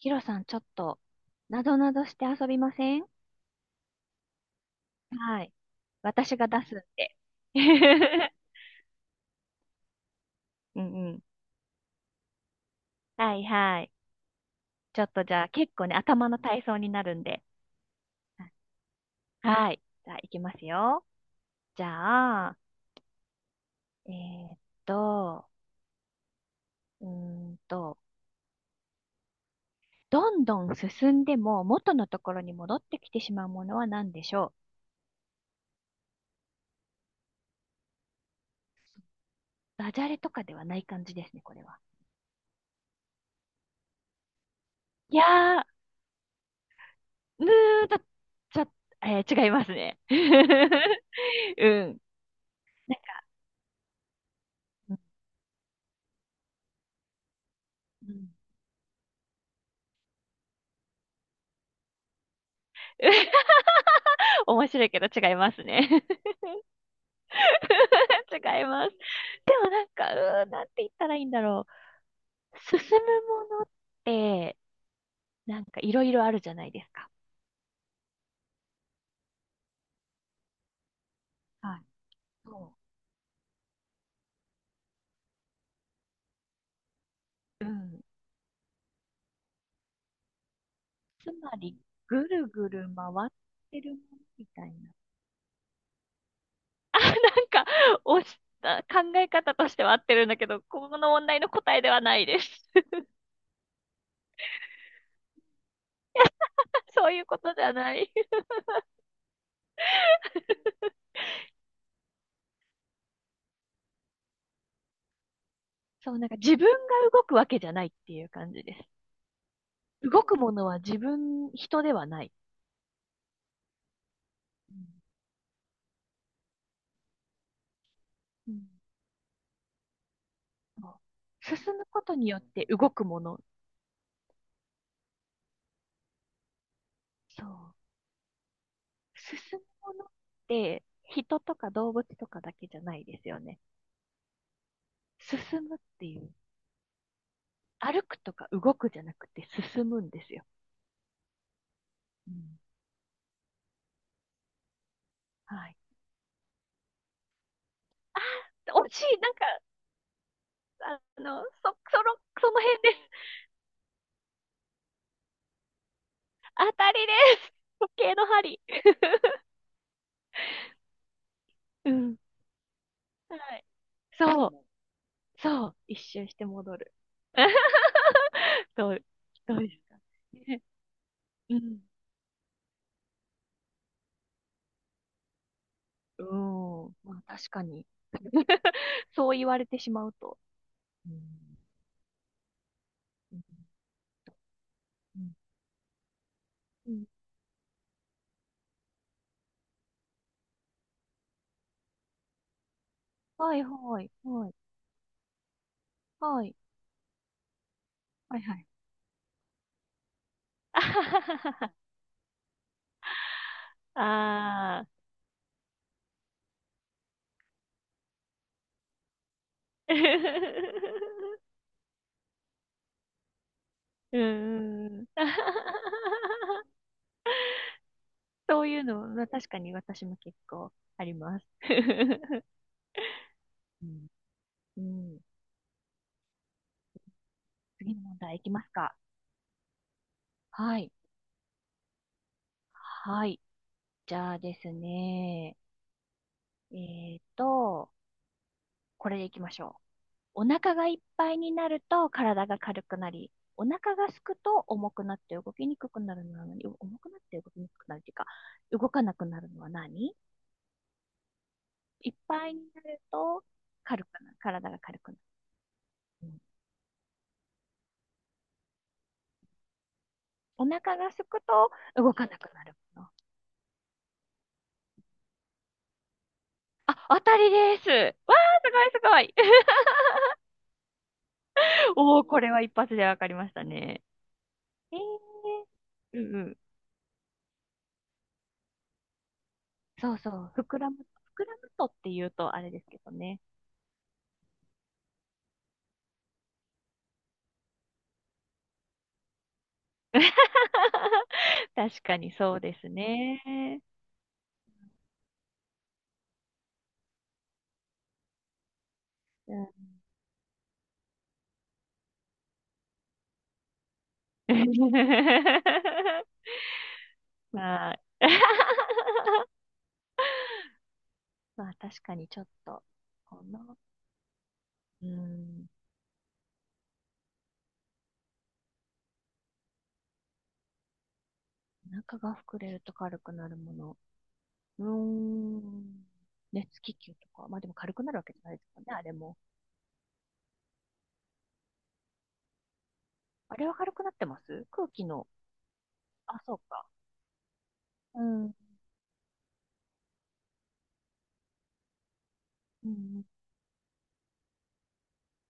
ヒロさん、ちょっと、なぞなぞして遊びません？はい。私が出すんで。うんうん。はいはい。ちょっとじゃあ、結構ね、頭の体操になるんで。はい。じゃあ、いきますよ。じゃあ、えーっと、うーんと、どんどん進んでも元のところに戻ってきてしまうものは何でしょう？ダジャレとかではない感じですね、これは。いやー、ぬーと、ちょ、違いますね。うん。なんか、うんうん。 面白いけど違いますね。 違います。でもなんか、なんて言ったらいいんだろう。進むものって、なんかいろいろあるじゃないですか。はい。そう。うん。つまり、ぐるぐる回ってるものみたいな。あ、なんか、あ、考え方としては合ってるんだけど、この問題の答えではないです。そういうことじゃない。そう、なんか自分が動くわけじゃないっていう感じです。動くものは自分、人ではない。うん、そう。進むことによって動くもの。そう。進むものって人とか動物とかだけじゃないですよね。進むっていう。歩くとか動くじゃなくて進むんですよ。うん。はい。あー、惜しい。なんか、あの、そ、その、その辺です。当たりです。時計の針。うん。はい。そう。そう、一周して戻る。どう、どうですかね。うん。うん。まあ確かに。そう言われてしまうと。うん。うんうんうん。はいはい。はい。はい。はいはい。あはははは。 あー。うーん。そういうの、まあ、確かに私も結構あります。うん、うん。次の問題いきますか？はい。はい。じゃあですね。えっと、これでいきましょう。お腹がいっぱいになると体が軽くなり、お腹がすくと重くなって動きにくくなるのは何？お、重くなって動きにくくなるっていうか、動かなくなるのは何？いっぱいになると軽くなる。体が軽くなる。うん。お腹がすくと動かなくなるもの。あ、当たりです。わー、すごいすごい。おー、これは一発でわかりましたね。えー、うん。そうそう、膨らむとっていうとあれですけどね。確かにそうですね。うん。 まあ。まあ確かにちょっと、この、うん、お腹が膨れると軽くなるもの。うーん、熱気球とか。まあでも軽くなるわけじゃないですもんね、あれも。あれは軽くなってます、空気の。あ、そうか。うん。うん。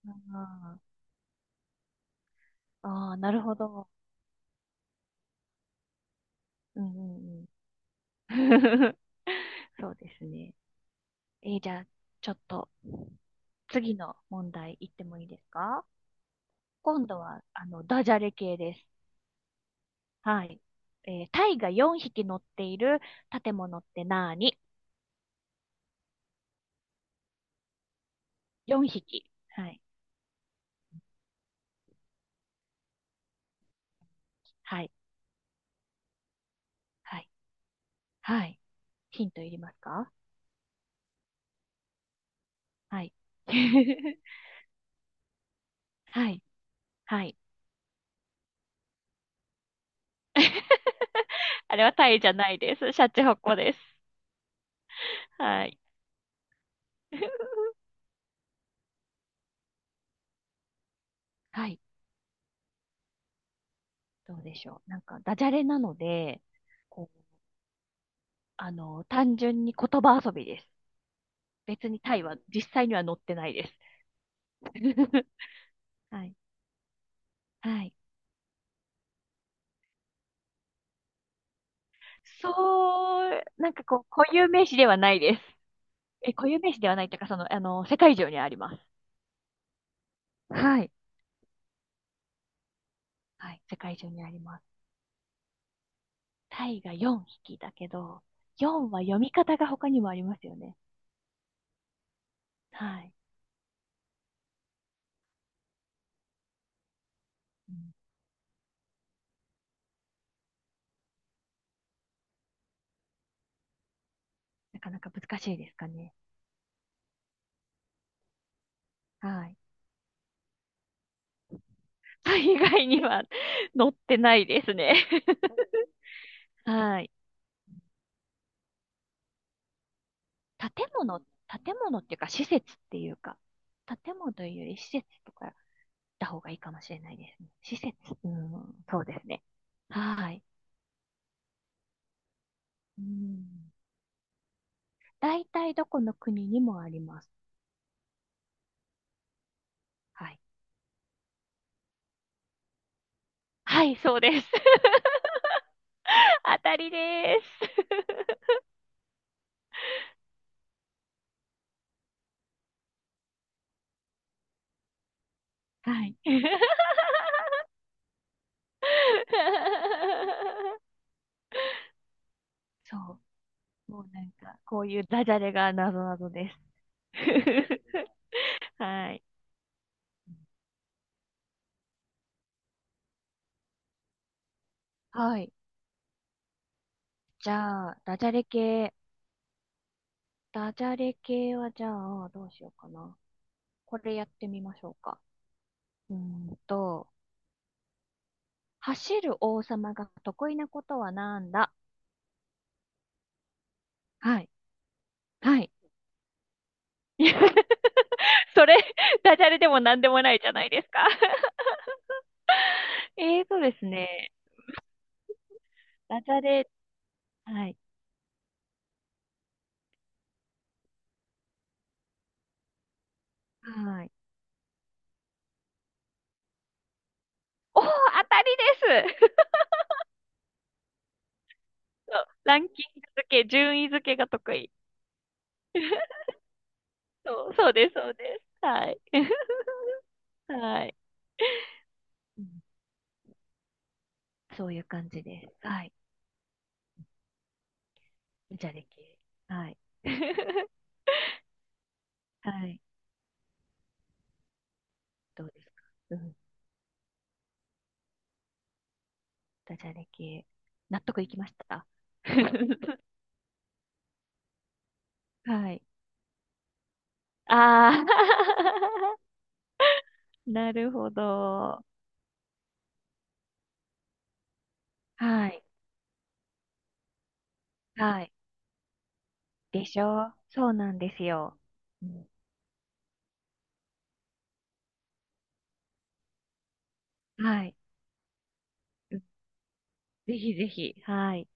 あーあー、なるほど。うんうんうん。そうですね。じゃあ、ちょっと次の問題いってもいいですか？今度は、ダジャレ系です。はい。タイが4匹乗っている建物って何 ?4 匹。はい。はい。はい。はい。ヒントいりますか？はい。はい。はい。あれはタイじゃないです。シャチホコです。はい。はい。どうでしょう。なんか、ダジャレなので、こう、単純に言葉遊びです。別にタイは実際には載ってないです。はい。はい。そう、なんか固有名詞ではないです。固有名詞ではないというか、世界中にあります。はい。はい。世界中にあります。タイが4匹だけど、4は読み方が他にもありますよね。はい。うん、なかなか難しいですかね。はい。タイ以外には載ってないですね。はい。建物、建物っていうか、施設っていうか、建物というより施設とかだ方がいいかもしれないですね。施設、うん、そうですね。はい。うん。大体どこの国にもあります。はい。はい、そうです。当たりです。はい。そう。もうなんか、こういうダジャレがなぞなぞです。はい。はい。じゃあ、ダジャレ系。ダジャレ系はじゃあ、どうしようかな。これやってみましょうか。うーんと、走る王様が得意なことはなんだ？はい。はい。それ、ダジャレでも何でもないじゃないですか。ですね。ダジャレ、はい。はい。おー、当たりです。 そう、ランキング付け、順位付けが得意。そう、そうです、そうです。はい。はい。うん。そういう感じです。はい。ダジャレ系。はい。はい。どうですか？うん。ダジャレ系。納得いきました。はい。ああ。 なるほど。はい。はい。でしょう？そうなんですよ。うん。はい。うん、ぜひぜひ。はい。